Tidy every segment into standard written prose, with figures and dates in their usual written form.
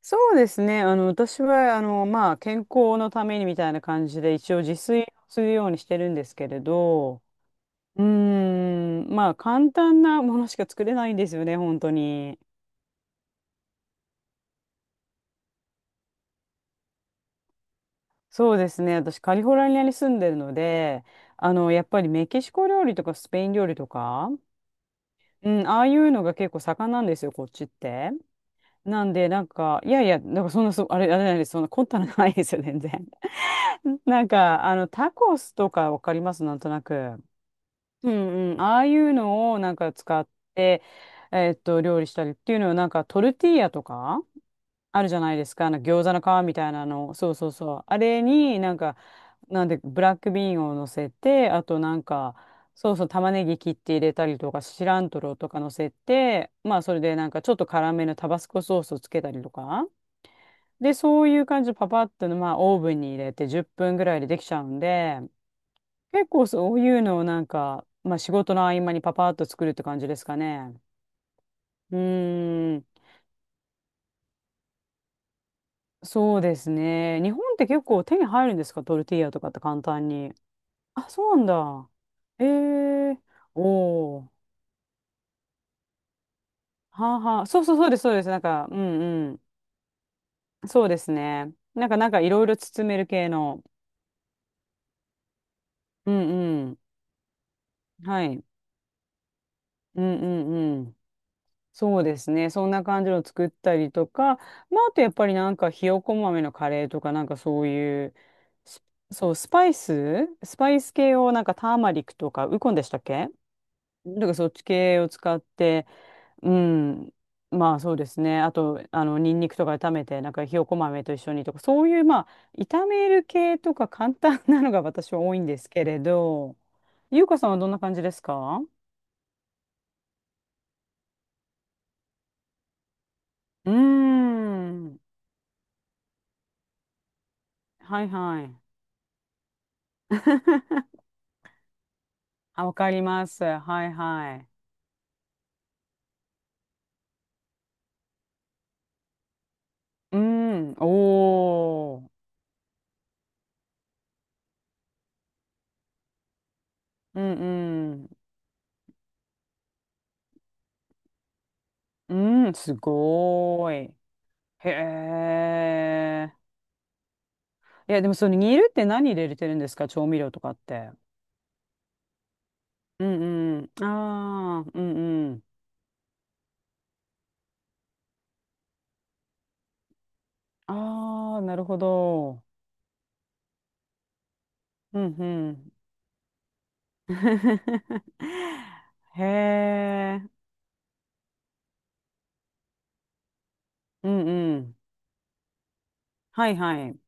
そうですね。私は、まあ、健康のためにみたいな感じで、一応自炊をするようにしてるんですけれど、まあ、簡単なものしか作れないんですよね、本当に。そうですね。私、カリフォルニアに住んでるので、あの、やっぱりメキシコ料理とかスペイン料理とか、うん、ああいうのが結構盛んなんですよ、こっちって。なんで、なんか、いやいや、なんかそんな、あれ、あれなんです、そんな凝ったのないですよ、全然。なんか、あの、タコスとかわかります、なんとなく。うんうん。ああいうのをなんか使って、料理したりっていうのは、なんかトルティーヤとかあるじゃないですか。あの餃子の皮みたいなの。そうそうそう。あれになんか、なんで、ブラックビーンを乗せて、あとなんか、そうそう、玉ねぎ切って入れたりとか、シラントロとか乗せて、まあ、それでなんかちょっと辛めのタバスコソースをつけたりとか。で、そういう感じでパパッとの、まあ、オーブンに入れて10分ぐらいでできちゃうんで、結構そういうのをなんか、まあ仕事の合間にパパッと作るって感じですかね。うーん、そうですね。日本って結構手に入るんですか、トルティーヤとかって簡単に。あ、そうなんだ。ええ、おおー。はあはあ。そうそうそうです、そうです。なんか、うんうん。そうですね。なんか、なんかいろいろ包める系の。うんうん。はい。うんうん、そうですね。そんな感じの作ったりとか、まあ、あとやっぱりなんかひよこ豆のカレーとか、なんかそういう、スそう、スパイス系をなんかターマリックとか、ウコンでしたっけ。なんかそっち系を使って、うん、まあそうですね。あと、あの、ニンニクとか炒めて、なんかひよこ豆と一緒にとか、そういうまあ、炒める系とか簡単なのが私は多いんですけれど、ゆうかさんはどんな感じですか？うーん、はいはい。あ、わかります。はいはい。うん。おー。うんうん。うん、すごーい。へえ。いや、でもその煮るって何入れてるんですか、調味料とかって。うんうん。ああ、うんうん。ああ、なるほど。うんうん。へえ。うんうん。はいはい。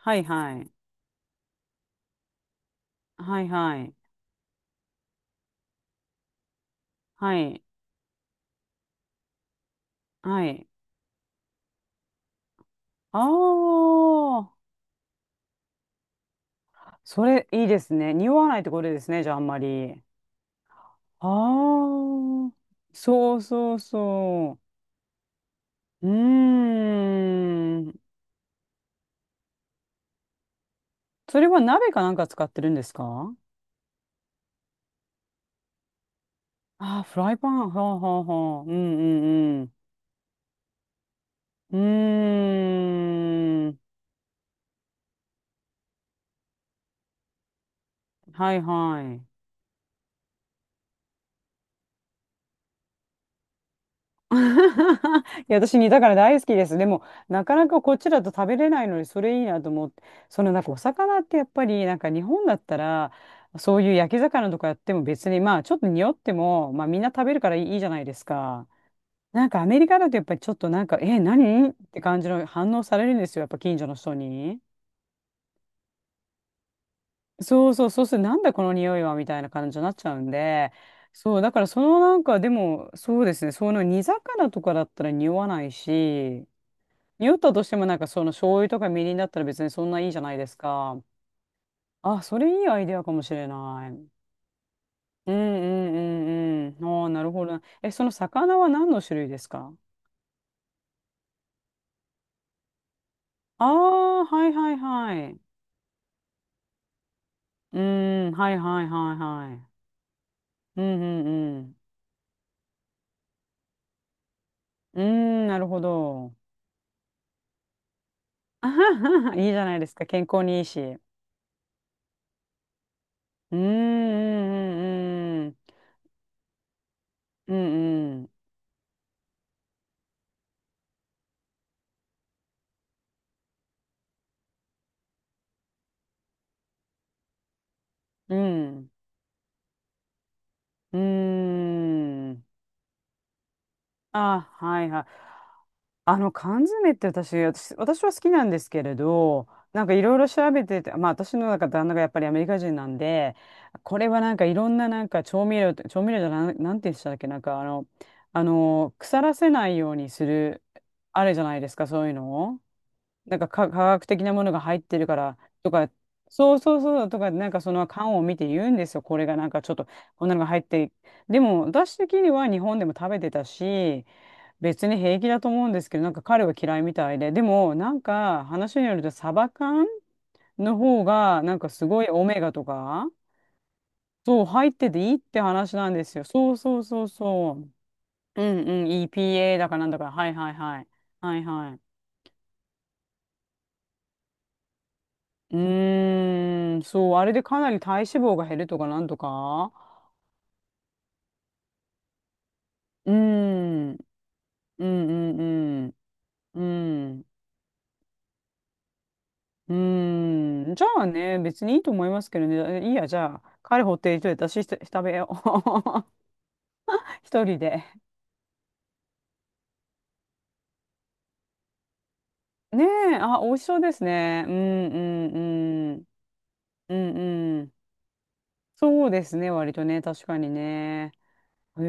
はいはい。はいはい。はい。はい。ああ。それいいですね。匂わないってことですね、じゃああんまり。ああ、そうそうそう。うーん。それは鍋かなんか使ってるんですか？ああー、フライパン。はあはあはあ。うんうんうん。うーん。はいはい。いや、私煮魚大好きです。でも、なかなかこっちだと食べれないのに、それいいなと思って、そのなんかお魚ってやっぱり、なんか日本だったら、そういう焼き魚とかやっても別に、まあちょっと匂っても、まあみんな食べるからいいじゃないですか。なんかアメリカだとやっぱりちょっとなんか、え、何って感じの反応されるんですよ、やっぱ近所の人に。そうそう、そうすると、なんだこの匂いはみたいな感じになっちゃうんで、そう、だからそのなんか、でも、そうですね、その煮魚とかだったら匂わないし、匂ったとしてもなんかその醤油とかみりんだったら別にそんないいじゃないですか。あ、それいいアイデアかもしれない。うんうんうんうん。ああ、なるほど。え、その魚は何の種類ですか？ああー、はいはいはい。うん、はいはいはいはい。うんうんうん。うん、なるほど。あはは、いいじゃないですか。健康にいいし。うんうんうんうん。うんうん。うんうん。あ、はいはい。あの缶詰って私は好きなんですけれど、なんかいろいろ調べてて、まあ私のなんか旦那がやっぱりアメリカ人なんで、これはなんかいろんななんか調味料じゃなん、なんて言ってたっけ、なんかあの、あの、腐らせないようにする、あれじゃないですか、そういうの。なんか科科学的なものが入ってるからとか、そうそうそうとか、なんかその缶を見て言うんですよ。これがなんかちょっと、こんなのが入って。でも、私的には日本でも食べてたし、別に平気だと思うんですけど、なんか彼は嫌いみたいで。でも、なんか話によるとサバ缶の方が、なんかすごいオメガとか、そう、入ってていいって話なんですよ。そうそうそうそう。うんうん、EPA だかなんだか、はいはいはい。はいはい。うーん、そう、あれでかなり体脂肪が減るとかなんとか。うーん、うんうんうん、うん、うーん。じゃあね、別にいいと思いますけどね。いいや、じゃあ、彼ほっていといて私ひと食べよう。一人で。ねえ、あ、美味しそうですね。うんうんうん、うんうん。そうですね、割とね、確かにね。へ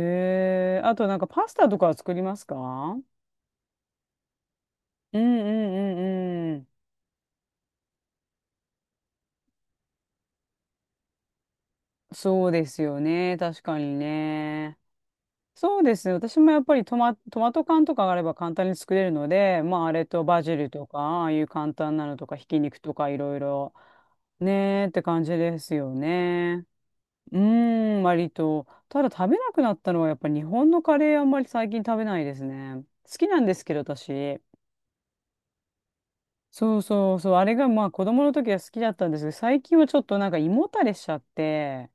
え、あとなんかパスタとかは作りますか？うんうんうんうん。そうですよね。確かにね。そうですね。私もやっぱりトマト缶とかがあれば簡単に作れるので、まああれとバジルとか、ああいう簡単なのとか、ひき肉とかいろいろ、ねーって感じですよね。うーん、割と。ただ食べなくなったのはやっぱ日本のカレーあんまり最近食べないですね。好きなんですけど、私。そうそうそう。あれがまあ子供の時は好きだったんですけど、最近はちょっとなんか胃もたれしちゃって、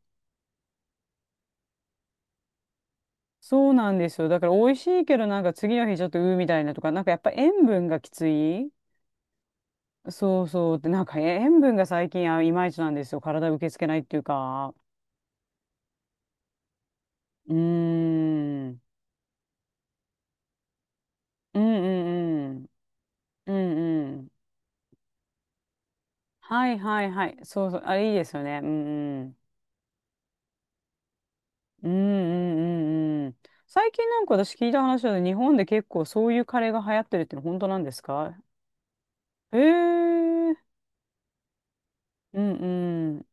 そうなんですよ。だから美味しいけどなんか次の日ちょっとうーみたいなとか、なんかやっぱ塩分がきつい。そうそう。で、なんかえ塩分が最近あいまいちなんですよ。体受け付けないっていうか。うーん。うんうんうん。うんうん。はいはいはい。そうそう。あ、いいですよね。うんうん。うんうんうんうん。最近なんか私聞いた話で日本で結構そういうカレーが流行ってるっての本当なんですか？ええー。うんうん。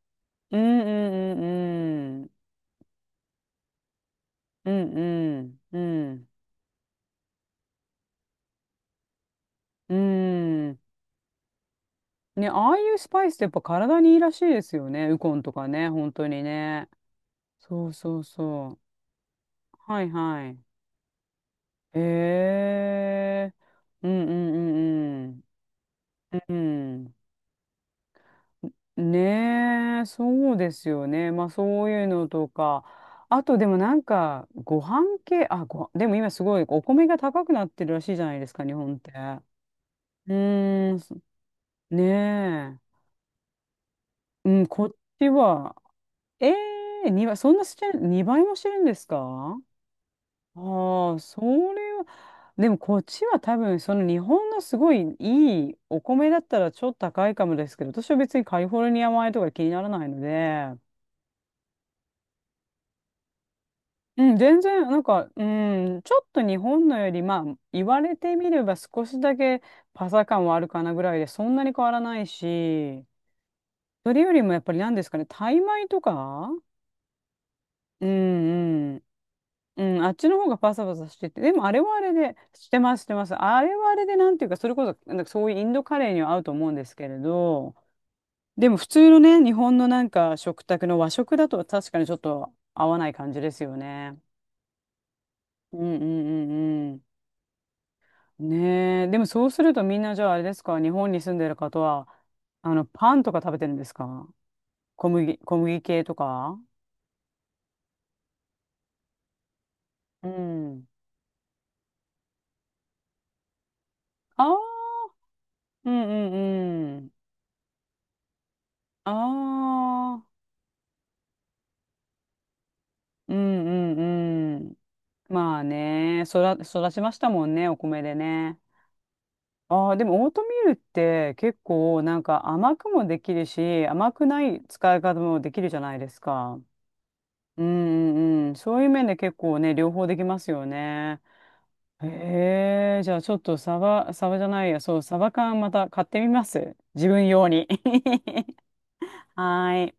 うんうんうんうん。うんうん。うん。ね、ああいうスパイスってやっぱ体にいいらしいですよね。ウコンとかね、本当にね。そうそうそう。はいはい。へえ。うんうんうんうん。うん。ねえ、そうですよね。まあそういうのとか。あとでもなんか、ご飯系、あ、ご、でも今すごいお米が高くなってるらしいじゃないですか、日本って。うーん、そ。ねえ。うん、こっちは、ええー、倍、そんなしてる、2倍もしてるんですか？ああ、それは、でもこっちは多分、その日本のすごいいいお米だったらちょっと高いかもですけど、私は別にカリフォルニア米とか気にならないので、うん、全然、なんか、うん、ちょっと日本のより、まあ、言われてみれば少しだけパサ感はあるかなぐらいで、そんなに変わらないし、それよりもやっぱり何ですかね、タイ米とか。うんうん、あっちの方がパサパサしてて、でもあれはあれで、してます、してます。あれはあれで、なんていうか、それこそ、なんかそういうインドカレーには合うと思うんですけれど、でも普通のね、日本のなんか食卓の和食だと確かにちょっと合わない感じですよね。うんうんうんうん。ねえ、でもそうするとみんなじゃああれですか、日本に住んでる方は、あの、パンとか食べてるんですか？小麦系とか。うん。ああ、うんうんうん。ああ、うんうんうん。まあね、育ちましたもんね、お米でね。ああ、でもオートミールって結構なんか甘くもできるし、甘くない使い方もできるじゃないですか。うんうんうん。そういう面で結構ね、両方できますよね。へえ、じゃあちょっとサバじゃないや、そう、サバ缶また買ってみます。自分用に。はーい。